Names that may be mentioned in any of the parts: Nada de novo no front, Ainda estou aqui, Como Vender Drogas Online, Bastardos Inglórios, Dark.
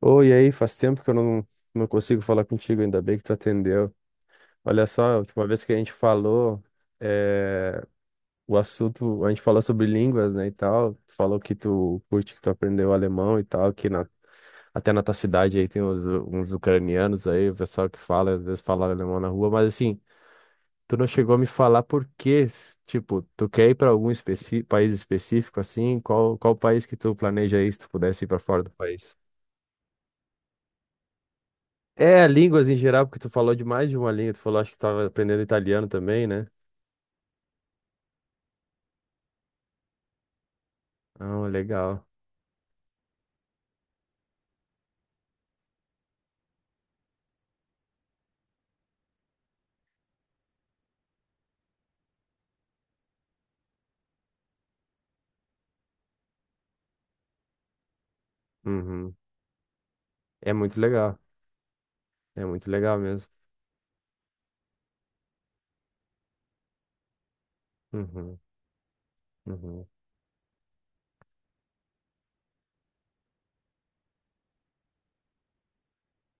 Oi, e aí, faz tempo que eu não consigo falar contigo, ainda bem que tu atendeu. Olha só, a última vez que a gente falou, eh, o assunto, a gente falou sobre línguas, né, e tal, tu falou que tu curte, que tu aprendeu alemão e tal, até na tua cidade aí tem uns ucranianos aí, o pessoal que fala, às vezes fala alemão na rua, mas assim, tu não chegou a me falar por quê, tipo, tu quer ir para país específico, assim, qual país que tu planeja ir, se tu pudesse ir para fora do país? É, línguas em geral, porque tu falou de mais de uma língua. Tu falou, acho que tava aprendendo italiano também, né? Ah, legal. Uhum. É muito legal. É muito legal mesmo. Uhum. Uhum.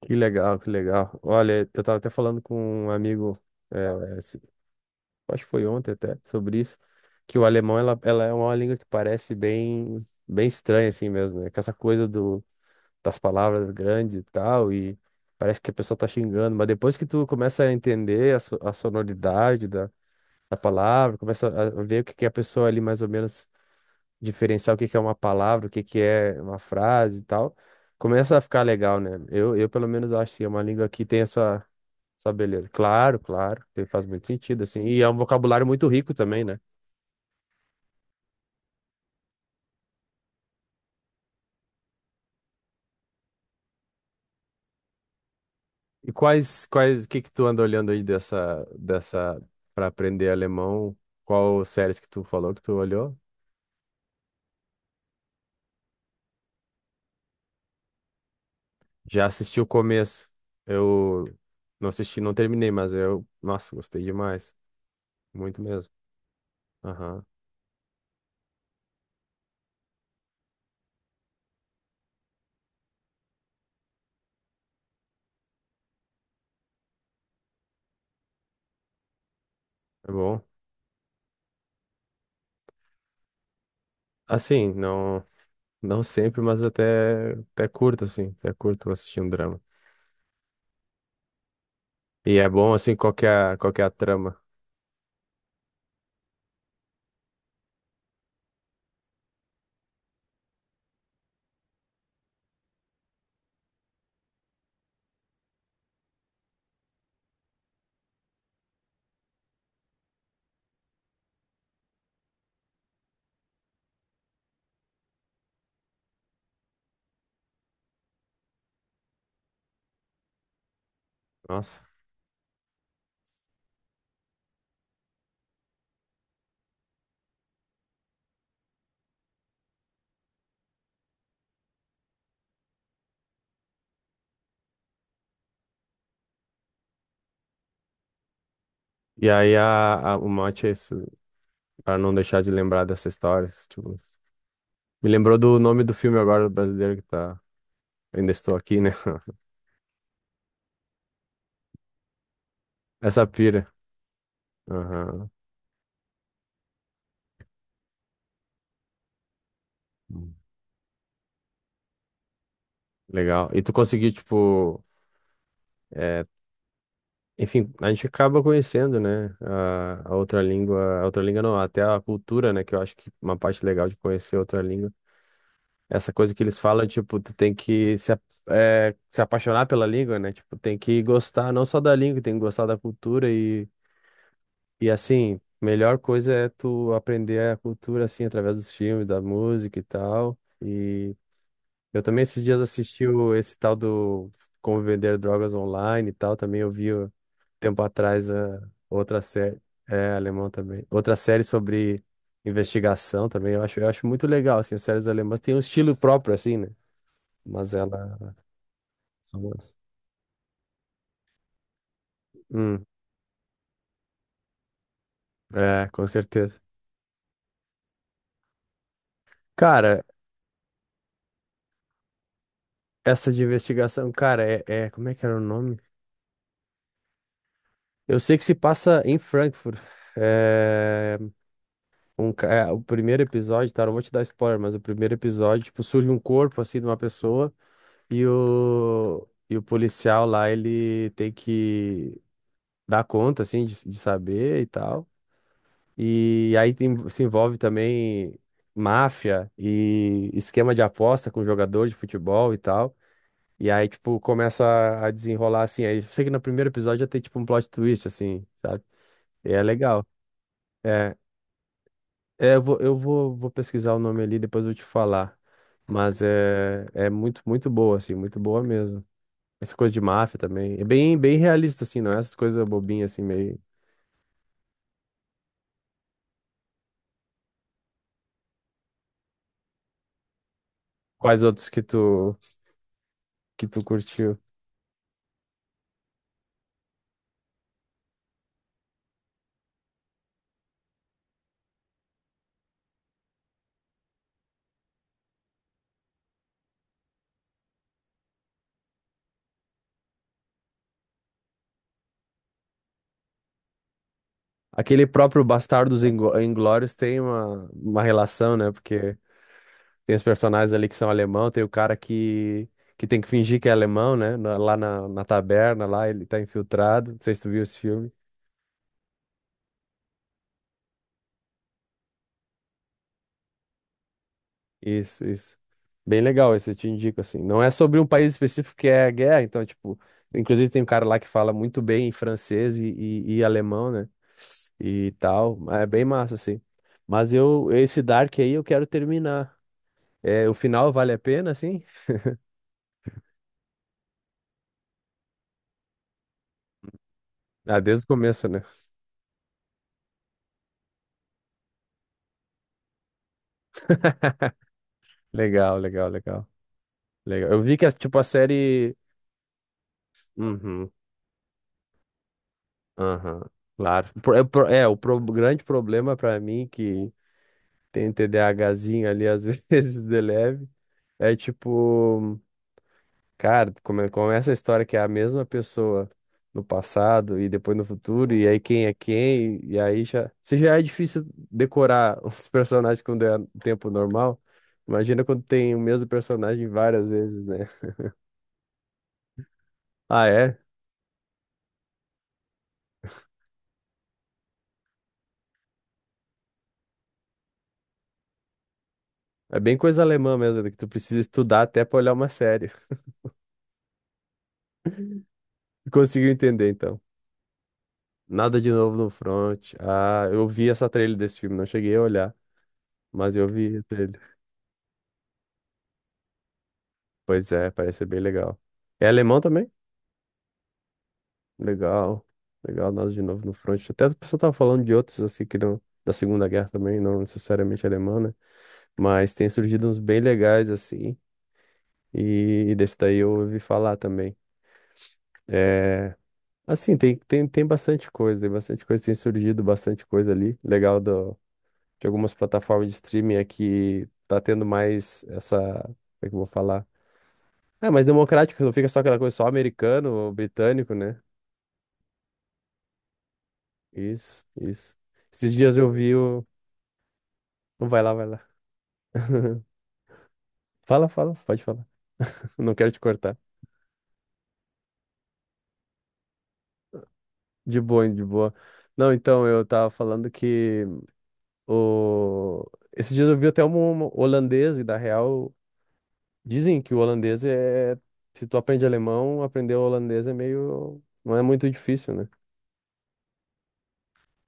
Que legal, que legal. Olha, eu tava até falando com um amigo, é, esse- acho que foi ontem até, sobre isso, que o alemão, ela é uma língua que parece bem estranha, assim mesmo, né? Com essa coisa do, das palavras grandes e tal, e parece que a pessoa tá xingando, mas depois que tu começa a entender a sonoridade a palavra, começa a ver o que que é a pessoa ali mais ou menos diferenciar o que que é uma palavra, o que que é uma frase e tal. Começa a ficar legal, né? Eu pelo menos acho assim, é uma língua que tem essa beleza. Claro, claro, faz muito sentido assim. E é um vocabulário muito rico também, né? E que tu anda olhando aí para aprender alemão? Qual séries que tu falou que tu olhou? Já assisti o começo. Eu não assisti, não terminei, mas eu, nossa, gostei demais. Muito mesmo. Aham, é bom. Assim, não, não sempre, mas até curto, assim, até curto assistir um drama. E é bom, assim, qual que é a trama. Nossa. E aí o mote é isso, pra não deixar de lembrar dessa história. Tipo, me lembrou do nome do filme agora, brasileiro, que tá... Ainda estou aqui, né? Essa pira. Aham. Hum. Legal. E tu conseguiu, tipo... eh, enfim, a gente acaba conhecendo, né, a outra língua, a outra língua não, até a cultura, né, que eu acho que uma parte legal de conhecer outra língua. Essa coisa que eles falam, tipo, tu tem que se, a- é, se apaixonar pela língua, né, tipo, tem que gostar não só da língua, tem que gostar da cultura e assim, melhor coisa é tu aprender a cultura, assim, através dos filmes, da música e tal. Eu também esses dias assisti o, esse tal do Como Vender Drogas Online e tal. Também eu vi ó, tempo atrás a outra série. É, alemão também. Outra série sobre investigação também. Eu acho muito legal, assim, as séries alemãs têm um estilo próprio, assim, né? Mas ela são boas. Hum, é, com certeza. Cara, essa de investigação, cara, como é que era o nome? Eu sei que se passa em Frankfurt. É, o primeiro episódio, tá? Não vou te dar spoiler, mas o primeiro episódio, tipo, surge um corpo, assim, de uma pessoa e o policial lá, ele tem que dar conta, assim, de saber e tal. E aí se envolve também máfia e esquema de aposta com jogador de futebol e tal. E aí, tipo, começa a desenrolar, assim. Aí eu sei que no primeiro episódio já tem, tipo, um plot twist, assim, sabe? E é legal. É. É, vou pesquisar o nome ali, depois eu te falar. Mas é, é muito, muito boa, assim, muito boa mesmo. Essa coisa de máfia também. É bem, bem realista, assim, não é essas coisas bobinhas, assim, meio. Quais outros que tu curtiu? Aquele próprio Inglórios tem uma relação, né? Porque tem os personagens ali que são alemão, tem que tem que fingir que é alemão, né? Lá na taberna, lá ele tá infiltrado. Não sei se tu viu esse filme. Isso, isso. Bem legal, esse eu te indico, assim. Não é sobre um país específico que é a guerra, então, tipo, inclusive tem um cara lá que fala muito bem francês e alemão, né? E tal. É bem massa, assim. Mas eu, esse Dark aí eu quero terminar. É, o final vale a pena, assim? Ah, desde o começo, né? Legal, legal, legal. Legal. Eu vi que, tipo, a série. Uhum, aham, claro. Grande problema pra mim que tem TDAHzinho ali, às vezes, de leve. É tipo, cara, começa a história que é a mesma pessoa no passado e depois no futuro, e aí quem é quem, e aí já. Se já é difícil decorar os personagens quando é tempo normal, imagina quando tem o mesmo personagem várias vezes, né? Ah, é? É bem coisa alemã mesmo, né, que tu precisa estudar até pra olhar uma série. Conseguiu entender, então. Nada de novo no front. Ah, eu vi essa trailer desse filme, não cheguei a olhar, mas eu vi a trailer. Pois é, parece ser bem legal. É alemão também? Legal, legal, nós de novo no front. Até a pessoa tava falando de outros assim que não, da Segunda Guerra também, não necessariamente alemã, né? Mas tem surgido uns bem legais assim, e desse daí eu ouvi falar também. É, assim, tem bastante coisa, tem bastante coisa, tem surgido bastante coisa ali. Legal do, de algumas plataformas de streaming aqui, tá tendo mais essa, como é que eu vou falar? É mais democrático, não fica só aquela coisa só americano ou britânico, né? Isso, isso. Esses dias eu vi o. Não vai lá, vai lá. Fala, fala, pode falar. Não quero te cortar. De boa, de boa. Não, então, eu tava falando que o... esses dias eu vi até um holandês, e da real, dizem que o holandês é. Se tu aprende alemão, aprender o holandês é meio. Não é muito difícil, né?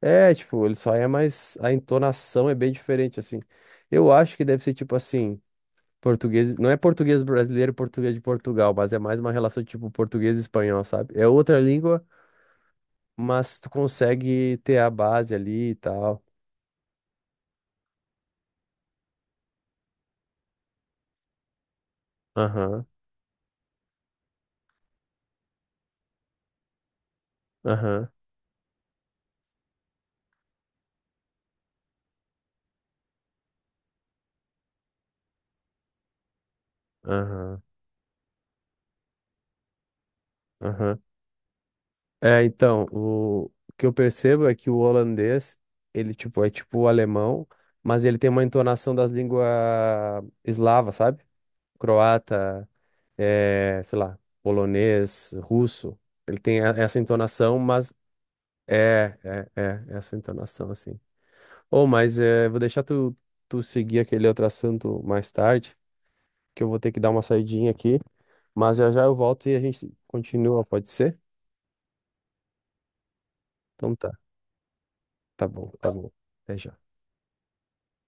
É, tipo, ele só é mais. A entonação é bem diferente, assim. Eu acho que deve ser tipo assim. Português, não é português brasileiro e português de Portugal, mas é mais uma relação tipo português e espanhol, sabe? É outra língua, mas tu consegue ter a base ali e tal. Aham, aham, aham, aham. É, então, o que eu percebo é que o holandês, ele, tipo, é tipo o alemão, mas ele tem uma entonação das línguas eslavas, sabe? Croata, é, sei lá, polonês, russo. Essa entonação, mas é, é, é, é essa entonação, assim. Ou, mas é, vou deixar tu seguir aquele outro assunto mais tarde, que eu vou ter que dar uma saidinha aqui. Mas já já eu volto e a gente continua, pode ser? Então tá, tá bom, tá bom. Até já.